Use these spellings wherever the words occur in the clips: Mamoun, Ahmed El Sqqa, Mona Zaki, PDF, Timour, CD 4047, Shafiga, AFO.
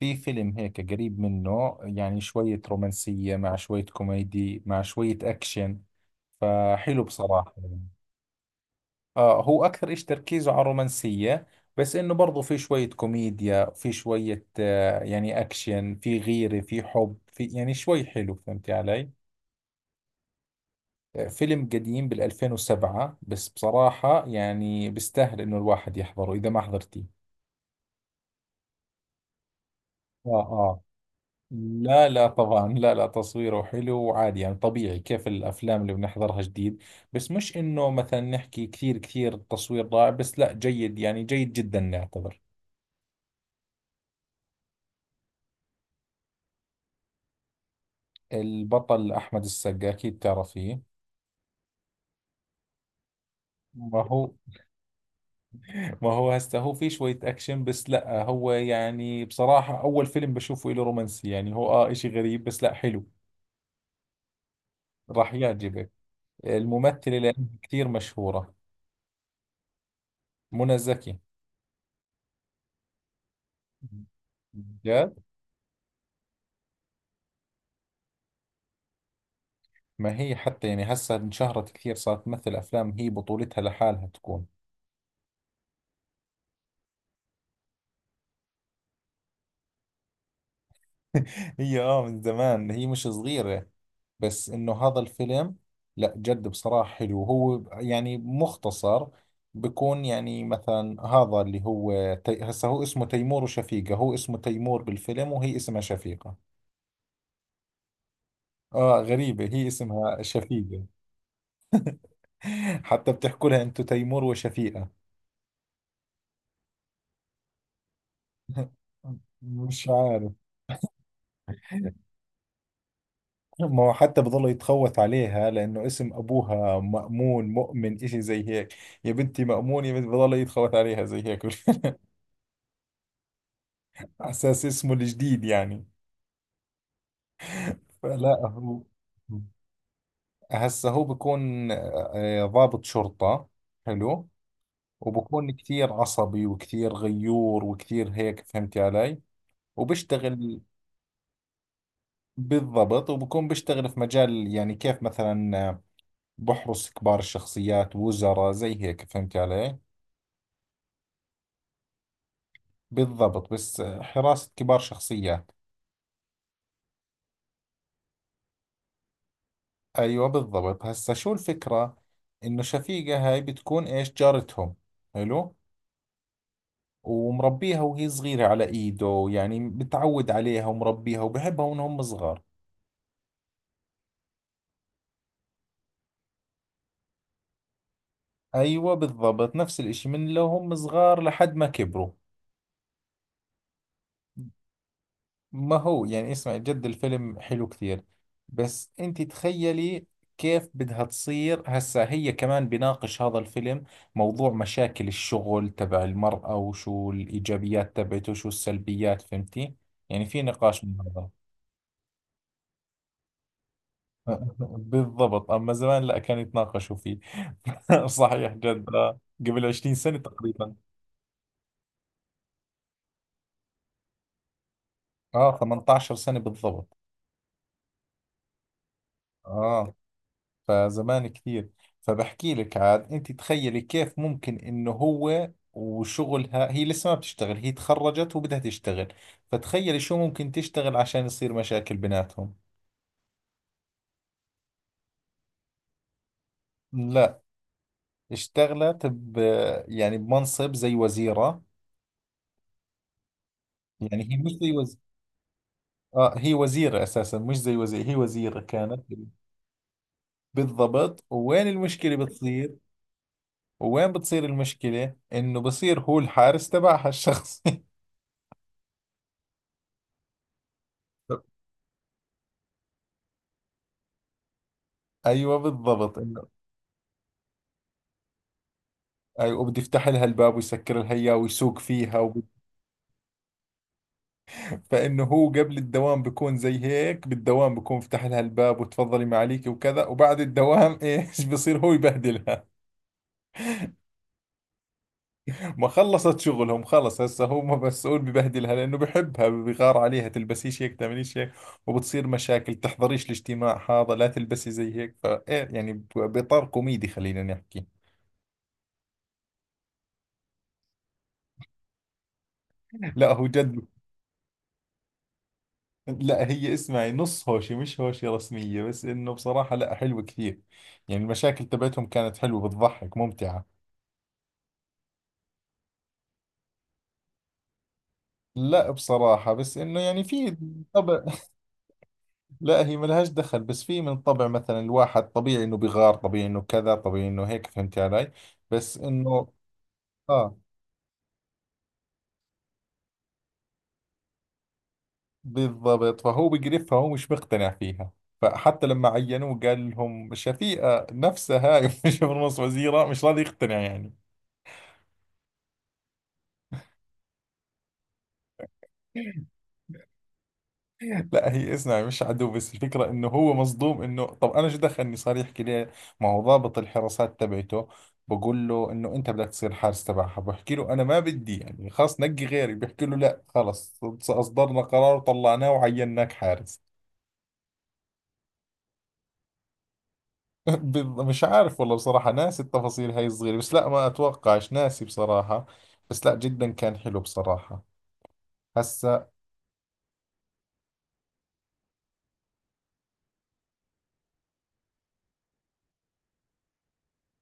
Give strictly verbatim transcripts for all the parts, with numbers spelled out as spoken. في فيلم هيك قريب منه، يعني شوية رومانسية مع شوية كوميدي مع شوية أكشن، فحلو بصراحة يعني. آه هو أكثر إيش تركيزه على الرومانسية، بس إنه برضو في شوية كوميديا، في شوية آه يعني أكشن، في غيرة في حب، في يعني شوي حلو، فهمتي علي؟ آه، فيلم قديم بالألفين وسبعة، بس بصراحة يعني بيستاهل إنه الواحد يحضره إذا ما حضرتيه. آه، لا لا طبعا، لا لا، تصويره حلو وعادي، يعني طبيعي كيف الافلام اللي بنحضرها جديد. بس مش انه مثلا نحكي كثير كثير التصوير رائع، بس لا، جيد يعني، جيد جدا نعتبر. البطل احمد السقا، اكيد تعرفيه. ما هو ما هو هسه هو في شوية اكشن، بس لا، هو يعني بصراحة اول فيلم بشوفه له رومانسي، يعني هو اه اشي غريب بس لا حلو. راح يعجبك. الممثلة لأنها كثير مشهورة. منى زكي. جد؟ ما هي حتى يعني هسه انشهرت كثير، صارت تمثل افلام هي بطولتها لحالها تكون. هي اه من زمان، هي مش صغيرة. بس انه هذا الفيلم، لا جد بصراحة حلو، هو يعني مختصر. بكون يعني مثلا هذا اللي هو تي... هسه هو اسمه تيمور وشفيقة. هو اسمه تيمور بالفيلم وهي اسمها شفيقة. اه، غريبة، هي اسمها شفيقة. حتى بتحكوا لها انتو تيمور وشفيقة؟ مش عارف. ما هو حتى بضل يتخوت عليها، لأنه اسم أبوها مأمون، مؤمن، إشي زي هيك. يا بنتي مأمون، يا بنتي، بضل يتخوت عليها زي هيك. على أساس اسمه الجديد يعني. فلا هو. هسه هو بكون آه، ضابط شرطة. حلو. وبكون كثير عصبي، وكثير غيور، وكثير هيك، فهمتي علي؟ وبشتغل. بالضبط، وبكون بشتغل في مجال، يعني كيف مثلا، آه، بحرس كبار الشخصيات، وزراء زي هيك، فهمتي علي؟ بالضبط، بس حراسة كبار شخصيات. أيوة بالضبط، هسا شو الفكرة؟ إنه شفيقة هاي بتكون إيش، جارتهم. حلو. ومربيها وهي صغيرة على إيده، يعني بتعود عليها، ومربيها وبحبها وإنهم صغار. أيوة بالضبط، نفس الإشي من لو هم صغار لحد ما كبروا. ما هو يعني اسمع، جد الفيلم حلو كثير. بس انت تخيلي كيف بدها تصير. هسا هي كمان بيناقش هذا الفيلم موضوع مشاكل الشغل تبع المرأة، وشو الإيجابيات تبعته وشو السلبيات، فهمتي؟ يعني في نقاش من هذا. بالضبط، أما زمان لا كان يتناقشوا فيه. صحيح جد، آه، قبل عشرين سنة تقريبا. اه، ثمانية عشر سنة بالضبط. اه فزمان كثير. فبحكي لك عاد، انت تخيلي كيف ممكن انه هو وشغلها، هي لسه ما بتشتغل، هي تخرجت وبدها تشتغل. فتخيلي شو ممكن تشتغل عشان يصير مشاكل بيناتهم. لا. اشتغلت ب يعني بمنصب زي وزيرة. يعني هي مش زي وز... آه هي وزيرة اساسا، مش زي وزيرة، هي وزيرة كانت. بالضبط، وين المشكلة بتصير؟ وين بتصير المشكلة؟ انه بصير هو الحارس تبعها الشخصي. ايوه بالضبط. أيوة، وبده يفتح لها الباب ويسكر لها إياه ويسوق فيها وبد... فإنه هو قبل الدوام بيكون زي هيك، بالدوام بيكون فتح لها الباب وتفضلي معليكي وكذا، وبعد الدوام. إيش بصير؟ هو يبهدلها. ما خلصت شغلهم خلص، هسه هو مسؤول، ببهدلها لأنه بحبها، بغار عليها، تلبسيش هيك، تعمليش هيك. وبتصير مشاكل، تحضريش الاجتماع هذا، لا تلبسي زي هيك، فإيه يعني ب- بإطار كوميدي خلينا نحكي. لا هو جد. لا، هي اسمعي، نص هوشي مش هوشي رسمية، بس انه بصراحة لا حلوة كثير. يعني المشاكل تبعتهم كانت حلوة، بتضحك، ممتعة. لا بصراحة، بس انه يعني في طبع. لا هي ملهاش دخل، بس في من طبع مثلا، الواحد طبيعي انه بغار، طبيعي انه كذا، طبيعي انه هيك، فهمت علي؟ بس انه. اه بالضبط، فهو بقرفها، هو مش مقتنع فيها. فحتى لما عينوه قال لهم شفيقة نفسها هاي، مش من نص وزيرة مش راضي يقتنع يعني. لا، هي اسمع مش عدو، بس الفكرة انه هو مصدوم، انه طب انا شو دخلني صار يحكي لي. ما هو ضابط الحراسات تبعته بقول له انه انت بدك تصير حارس تبعها، بحكي له انا ما بدي، يعني خلاص نقي غيري، بحكي له لا خلص، اصدرنا قرار وطلعناه وعيناك حارس. بال- مش عارف والله بصراحة، ناسي التفاصيل هاي الصغيرة، بس لا ما اتوقعش ناسي بصراحة. بس لا، جدا كان حلو بصراحة. هسا.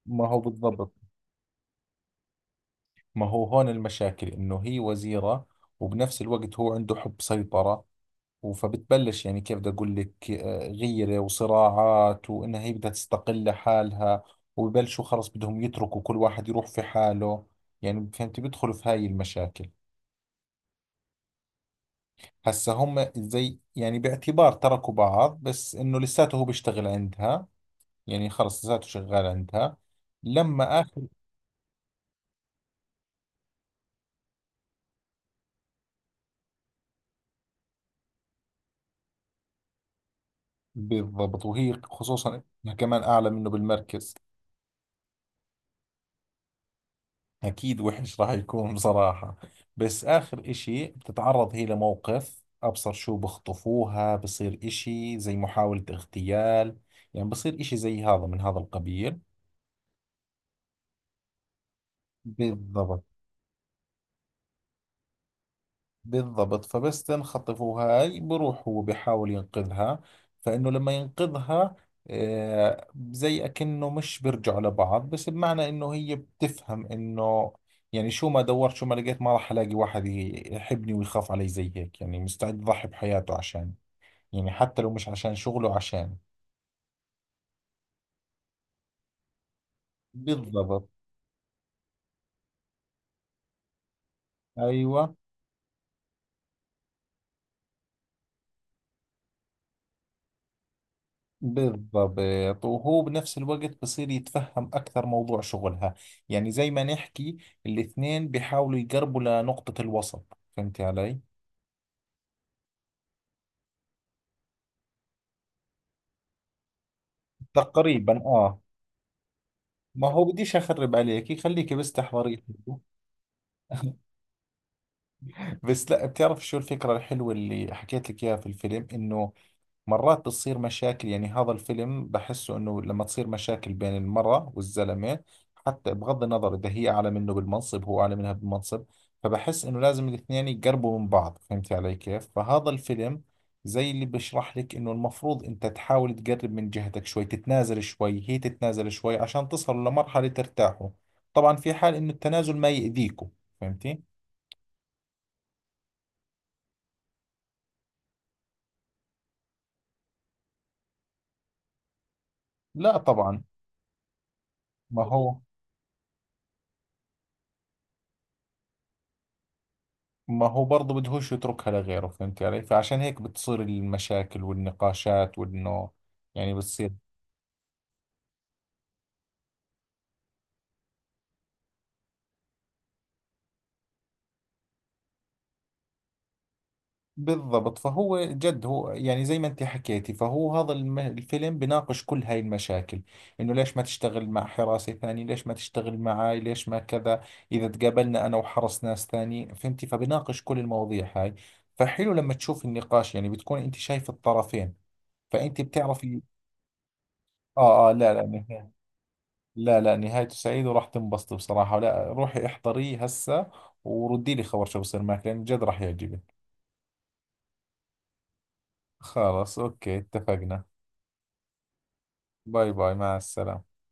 ما هو بالضبط. ما هو هون المشاكل، انه هي وزيرة، وبنفس الوقت هو عنده حب سيطرة. فبتبلش يعني، كيف بدي اقول لك، آه، غيره وصراعات، وانها هي بدها تستقل لحالها. وببلشوا خلص، بدهم يتركوا كل واحد يروح في حاله. يعني فهمت، بيدخلوا في هاي المشاكل. هسا هم زي يعني باعتبار تركوا بعض، بس انه لساته هو بيشتغل عندها. يعني خلص لساته شغال عندها. لما اخر. بالضبط، وهي خصوصا إنها كمان اعلى منه بالمركز. أكيد وحش راح يكون بصراحة. بس آخر إشي بتتعرض هي لموقف أبصر شو، بخطفوها، بصير إشي زي محاولة اغتيال. يعني بصير إشي زي هذا من هذا القبيل. بالضبط. بالضبط، فبس تنخطفه هاي بروح هو بحاول ينقذها. فإنه لما ينقذها، آه، زي أكنه مش بيرجعوا لبعض، بس بمعنى إنه هي بتفهم إنه، يعني شو ما دورت شو ما لقيت، ما راح ألاقي واحد يحبني ويخاف علي زي هيك، يعني مستعد يضحي بحياته عشان. يعني حتى لو مش عشان شغله، عشان. بالضبط. أيوة بالضبط، وهو بنفس الوقت بصير يتفهم أكثر موضوع شغلها. يعني زي ما نحكي، الاثنين بيحاولوا يقربوا لنقطة الوسط، فهمتي علي؟ تقريبا، آه. ما هو بديش أخرب عليكي، خليكي بس تحضري. بس لا، بتعرف شو الفكرة الحلوة اللي حكيت لك إياها في الفيلم، إنه مرات بتصير مشاكل. يعني هذا الفيلم بحسه انه لما تصير مشاكل بين المرأة والزلمة، حتى بغض النظر اذا هي اعلى منه بالمنصب، هو اعلى منها بالمنصب، فبحس انه لازم الاثنين يقربوا من بعض، فهمت علي كيف؟ فهذا الفيلم زي اللي بشرح لك، انه المفروض انت تحاول تقرب من جهتك شوي، تتنازل شوي، هي تتنازل شوي، عشان تصلوا لمرحلة ترتاحوا. طبعا في حال انه التنازل ما يأذيكم. فهمتي؟ لا طبعا. ما هو ما هو برضه بدهوش يتركها لغيره، فهمت علي؟ فعشان هيك بتصير المشاكل والنقاشات، وانه يعني بتصير. بالضبط، فهو جد، هو يعني زي ما انت حكيتي، فهو هذا الم- الفيلم بناقش كل هاي المشاكل، انه ليش ما تشتغل مع حراسي ثاني، ليش ما تشتغل معاي، ليش ما كذا. اذا تقابلنا انا وحرس ناس ثاني، فهمتي؟ فبناقش كل المواضيع هاي. فحلو لما تشوف النقاش، يعني بتكون انت شايف الطرفين، فانت بتعرفي. اه اه، لا لا. لا لا، نهايته سعيدة وراح تنبسطي بصراحة، لا روحي احضريه هسه. وردي لي خبر شو بصير معك، لأن جد راح يعجبك. خلاص أوكي، اتفقنا. باي باي، مع السلامة.